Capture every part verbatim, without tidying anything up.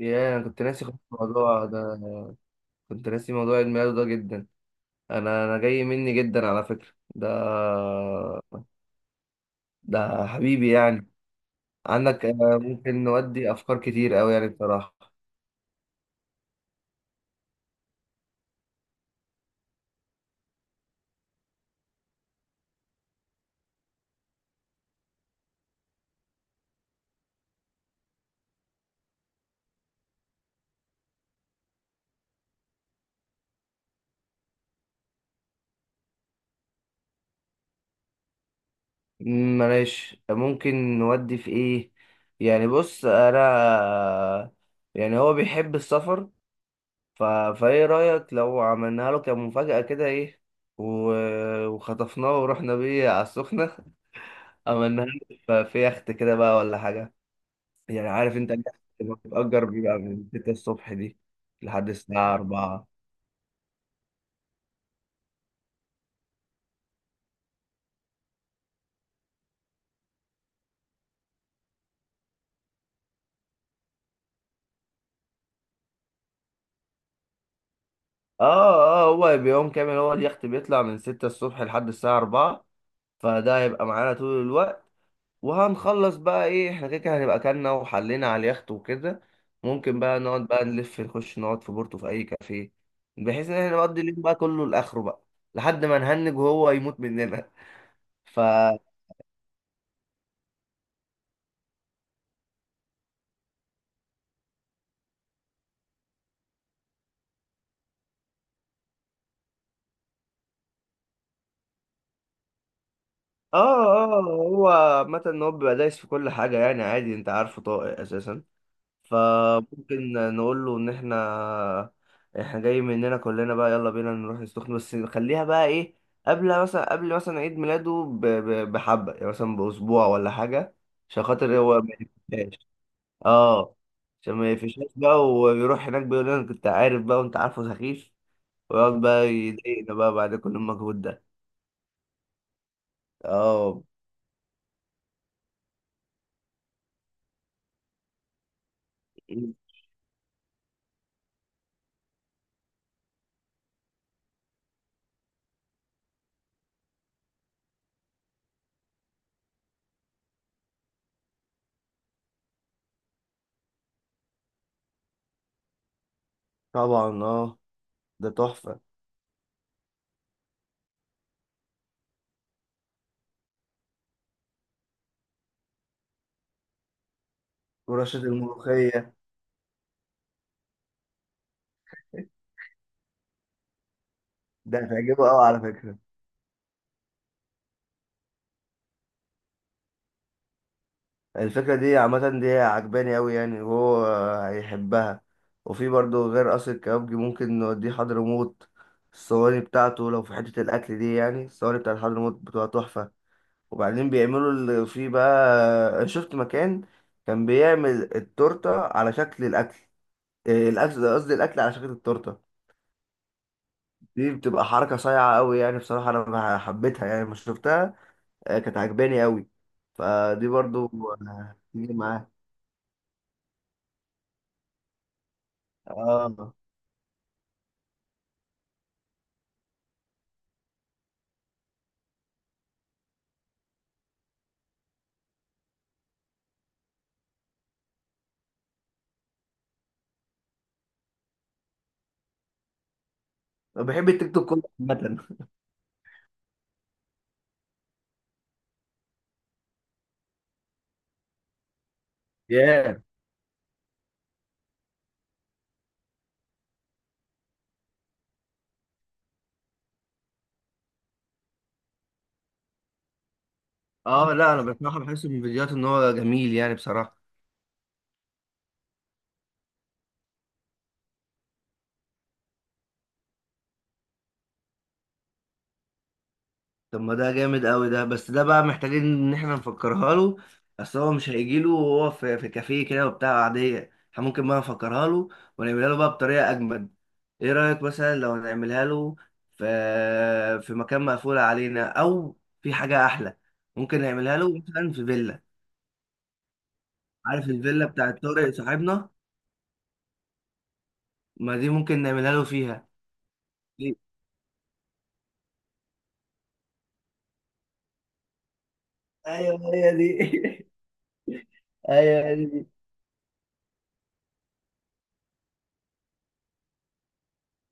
يا انا كنت ناسي خالص الموضوع ده. كنت ناسي موضوع عيد ميلاده ده جدا. انا انا جاي مني جدا على فكرة. ده ده حبيبي يعني. عندك، آه، ممكن نودي افكار كتير قوي يعني بصراحة. مم، معلش، ممكن نودي في ايه؟ يعني بص انا، يعني هو بيحب السفر، ف... فايه رأيك لو عملناها له كمفاجأة كده ايه، و... وخطفناه ورحنا بيه على السخنة؟ عملناها له في في يخت كده بقى ولا حاجة. يعني عارف انت اللي بتأجر، بيبقى من السادسة الصبح دي لحد الساعة أربعة. اه اه، هو بيوم كامل، هو اليخت بيطلع من ستة الصبح لحد الساعة أربعة، فده هيبقى معانا طول الوقت. وهنخلص بقى ايه، احنا كده كده هنبقى اكلنا وحلينا على اليخت وكده. ممكن بقى نقعد بقى نلف نخش نقعد في بورتو في اي كافيه، بحيث ان احنا نقضي اليوم بقى كله لاخره بقى، لحد ما نهنج وهو يموت مننا. ف اه اه، هو عامة ان هو بيبقى دايس في كل حاجة يعني، عادي، انت عارفه طاقة اساسا. فممكن نقول له ان احنا احنا جاي مننا كلنا بقى، يلا بينا نروح السخنة، بس نخليها بقى ايه، قبل مثلا قبل مثلا عيد ميلاده ب- ب- بحبة، يعني مثلا بأسبوع ولا حاجة، عشان خاطر هو ما يفشاش. اه، عشان ما يفشاش بقى ويروح هناك بيقول لنا أنا كنت عارف بقى، وانت عارفه سخيف، ويقعد بقى يضايقنا بقى بعد كل المجهود ده. اه، طبعا. اه، ده تحفة. ورشة الملوخية؟ ده هتعجبه قوي على فكرة. الفكرة دي عامة دي عجباني أوي يعني، وهو هيحبها. وفي برضه غير قصر الكبابجي ممكن نوديه حضرموت، الصواني بتاعته لو في حتة الأكل دي يعني، الصواني بتاعت حضرموت بتبقى تحفة. وبعدين بيعملوا اللي فيه بقى، شفت مكان كان بيعمل التورتة على شكل الأكل؟ إيه، الأكل، قصدي الأكل على شكل التورتة. دي بتبقى حركة صايعة أوي يعني، بصراحة أنا حبيتها يعني لما شفتها. آه، كانت عجباني أوي، فدي برضه. آه، تيجي معاه. اه، أنا بحب التيك توك كله عامة. ياه. اه لا، انا بصراحه بحس من الفيديوهات ان هو جميل يعني بصراحه. طب ما ده جامد قوي ده، بس ده بقى محتاجين ان احنا نفكرها له. اصل هو مش هيجي له وهو في, في كافيه كده وبتاع عادية، احنا ممكن بقى نفكرها له ونعملها له بقى بطريقة اجمد. ايه رأيك مثلا لو نعملها له في في مكان مقفول علينا او في حاجة احلى؟ ممكن نعملها له مثلا في فيلا. عارف الفيلا بتاعت طارق صاحبنا؟ ما دي ممكن نعملها له فيها. ايوه، هي دي. ايوه، هي دي.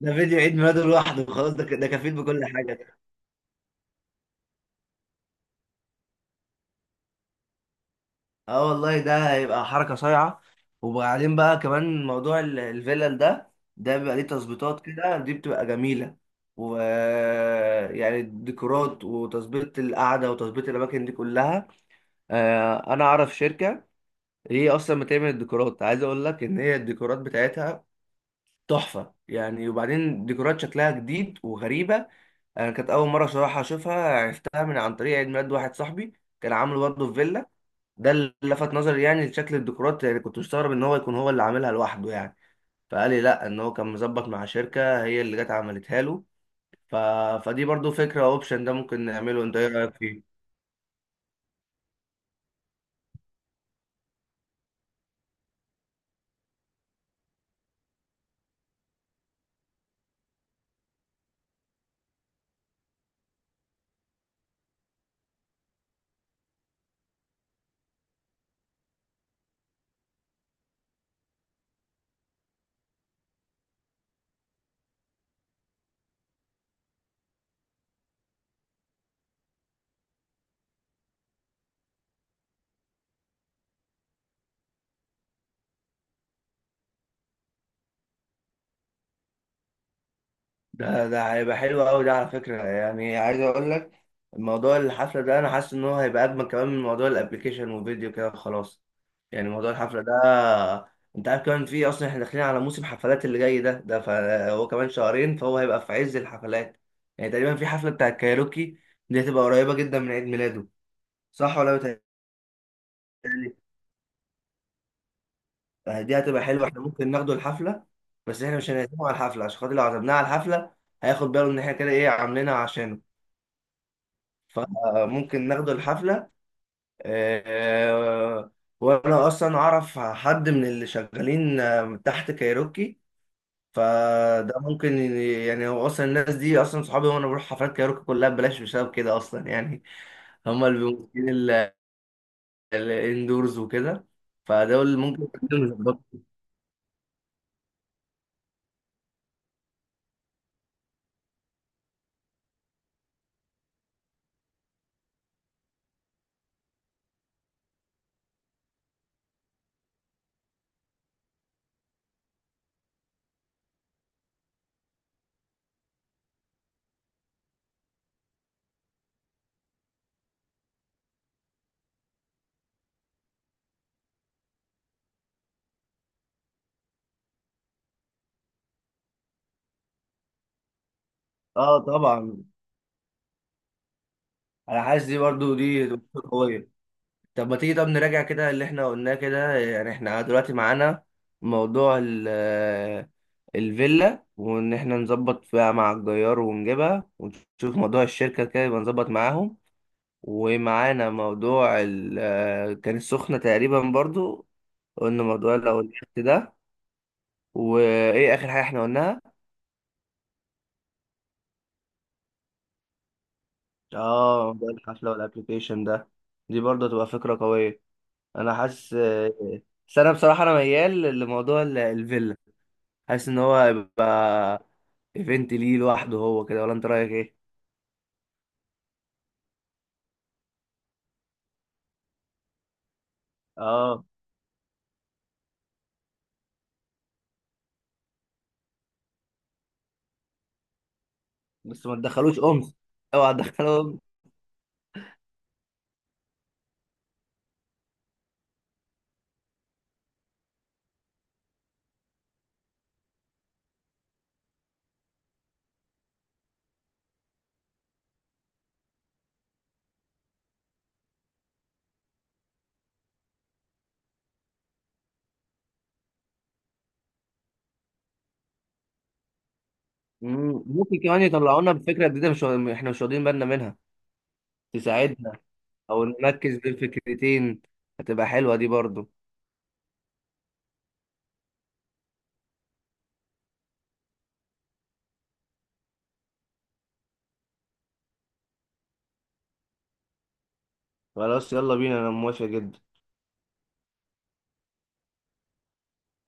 ده فيديو عيد ميلاده لوحده خلاص، ده ك- ده كفيل بكل حاجه ده. اه والله ده هيبقى حركه صايعه. وبعدين بقى كمان موضوع ال- الفلل ده، ده بيبقى ليه تظبيطات كده، دي بتبقى جميله. و آه، يعني الديكورات وتظبيط القعده وتظبيط الاماكن دي كلها. آه، انا اعرف شركه، هي اصلا بتعمل الديكورات، عايز اقول لك ان هي الديكورات بتاعتها تحفة يعني، وبعدين ديكورات شكلها جديد وغريبة. أنا كانت أول مرة صراحة أشوفها، عرفتها من عن طريق عيد ميلاد واحد صاحبي كان عامله برضه في فيلا. ده اللي لفت نظري يعني لشكل الديكورات، يعني كنت مستغرب إن هو يكون هو اللي عاملها لوحده يعني. فقال لي لأ، إن هو كان مظبط مع شركة هي اللي جت عملتها له. ف... فدي برضه فكرة، أوبشن ده ممكن نعمله. أنت إيه رأيك فيه؟ ده ده هيبقى حلو قوي ده على فكرة، يعني عايز اقول لك، الموضوع الحفلة ده انا حاسس ان هو هيبقى اجمل كمان من موضوع الابليكيشن وفيديو كده خلاص. يعني موضوع الحفلة ده، انت عارف كمان في اصلا احنا داخلين على موسم حفلات اللي جاي ده ده فهو كمان شهرين، فهو هيبقى في عز الحفلات. يعني تقريبا في حفلة بتاع الكايروكي، دي هتبقى قريبة جدا من عيد ميلاده. صح ولا بتهيألي؟ دي هتبقى حلوة، احنا ممكن ناخده الحفلة، بس احنا مش هنعزمه على الحفلة، عشان خاطر لو عزمناه على الحفلة هياخد باله ان احنا كده ايه عاملينها عشانه. فممكن ناخده الحفلة، آه، وأنا أصلا أعرف حد من اللي شغالين آه، تحت كايروكي. فده ممكن ي- يعني، هو أصلا الناس دي أصلا صحابي، وأنا بروح حفلات كايروكي كلها ببلاش بسبب كده أصلا يعني. هما اللي بيمثلين ال- الاندورز وكده، فدول ممكن يكونوا يظبطوا. اه طبعا. انا حاسس دي برضو دي تبقى قويه. طب ما تيجي، طب نراجع كده اللي احنا قلناه كده، يعني احنا دلوقتي معانا موضوع الفيلا، وان احنا نظبط فيها مع الجيار ونجيبها، ونشوف موضوع الشركة كده يبقى نظبط معاهم، ومعانا موضوع ال آه، كان السخنة تقريبا برضو، قلنا موضوع لو الحفت ده، وايه اخر حاجة احنا قلناها؟ اه، موضوع الحفلة والابليكيشن ده، دي برضو هتبقى فكرة قوية. انا حاسس، آه، بس انا بصراحة انا ميال لموضوع ال- الفيلا، حاسس ان هو هيبقى ايفنت ليه لوحده هو كده، ولا انت رأيك ايه؟ اه. بس ما تدخلوش أمس، اوعى تدخلهم. مم. ممكن كمان يطلعونا بفكرة جديدة مش احنا مش واخدين بالنا منها، تساعدنا، او نركز بين فكرتين، هتبقى حلوة دي برضو. خلاص، يلا بينا، انا موافق جدا.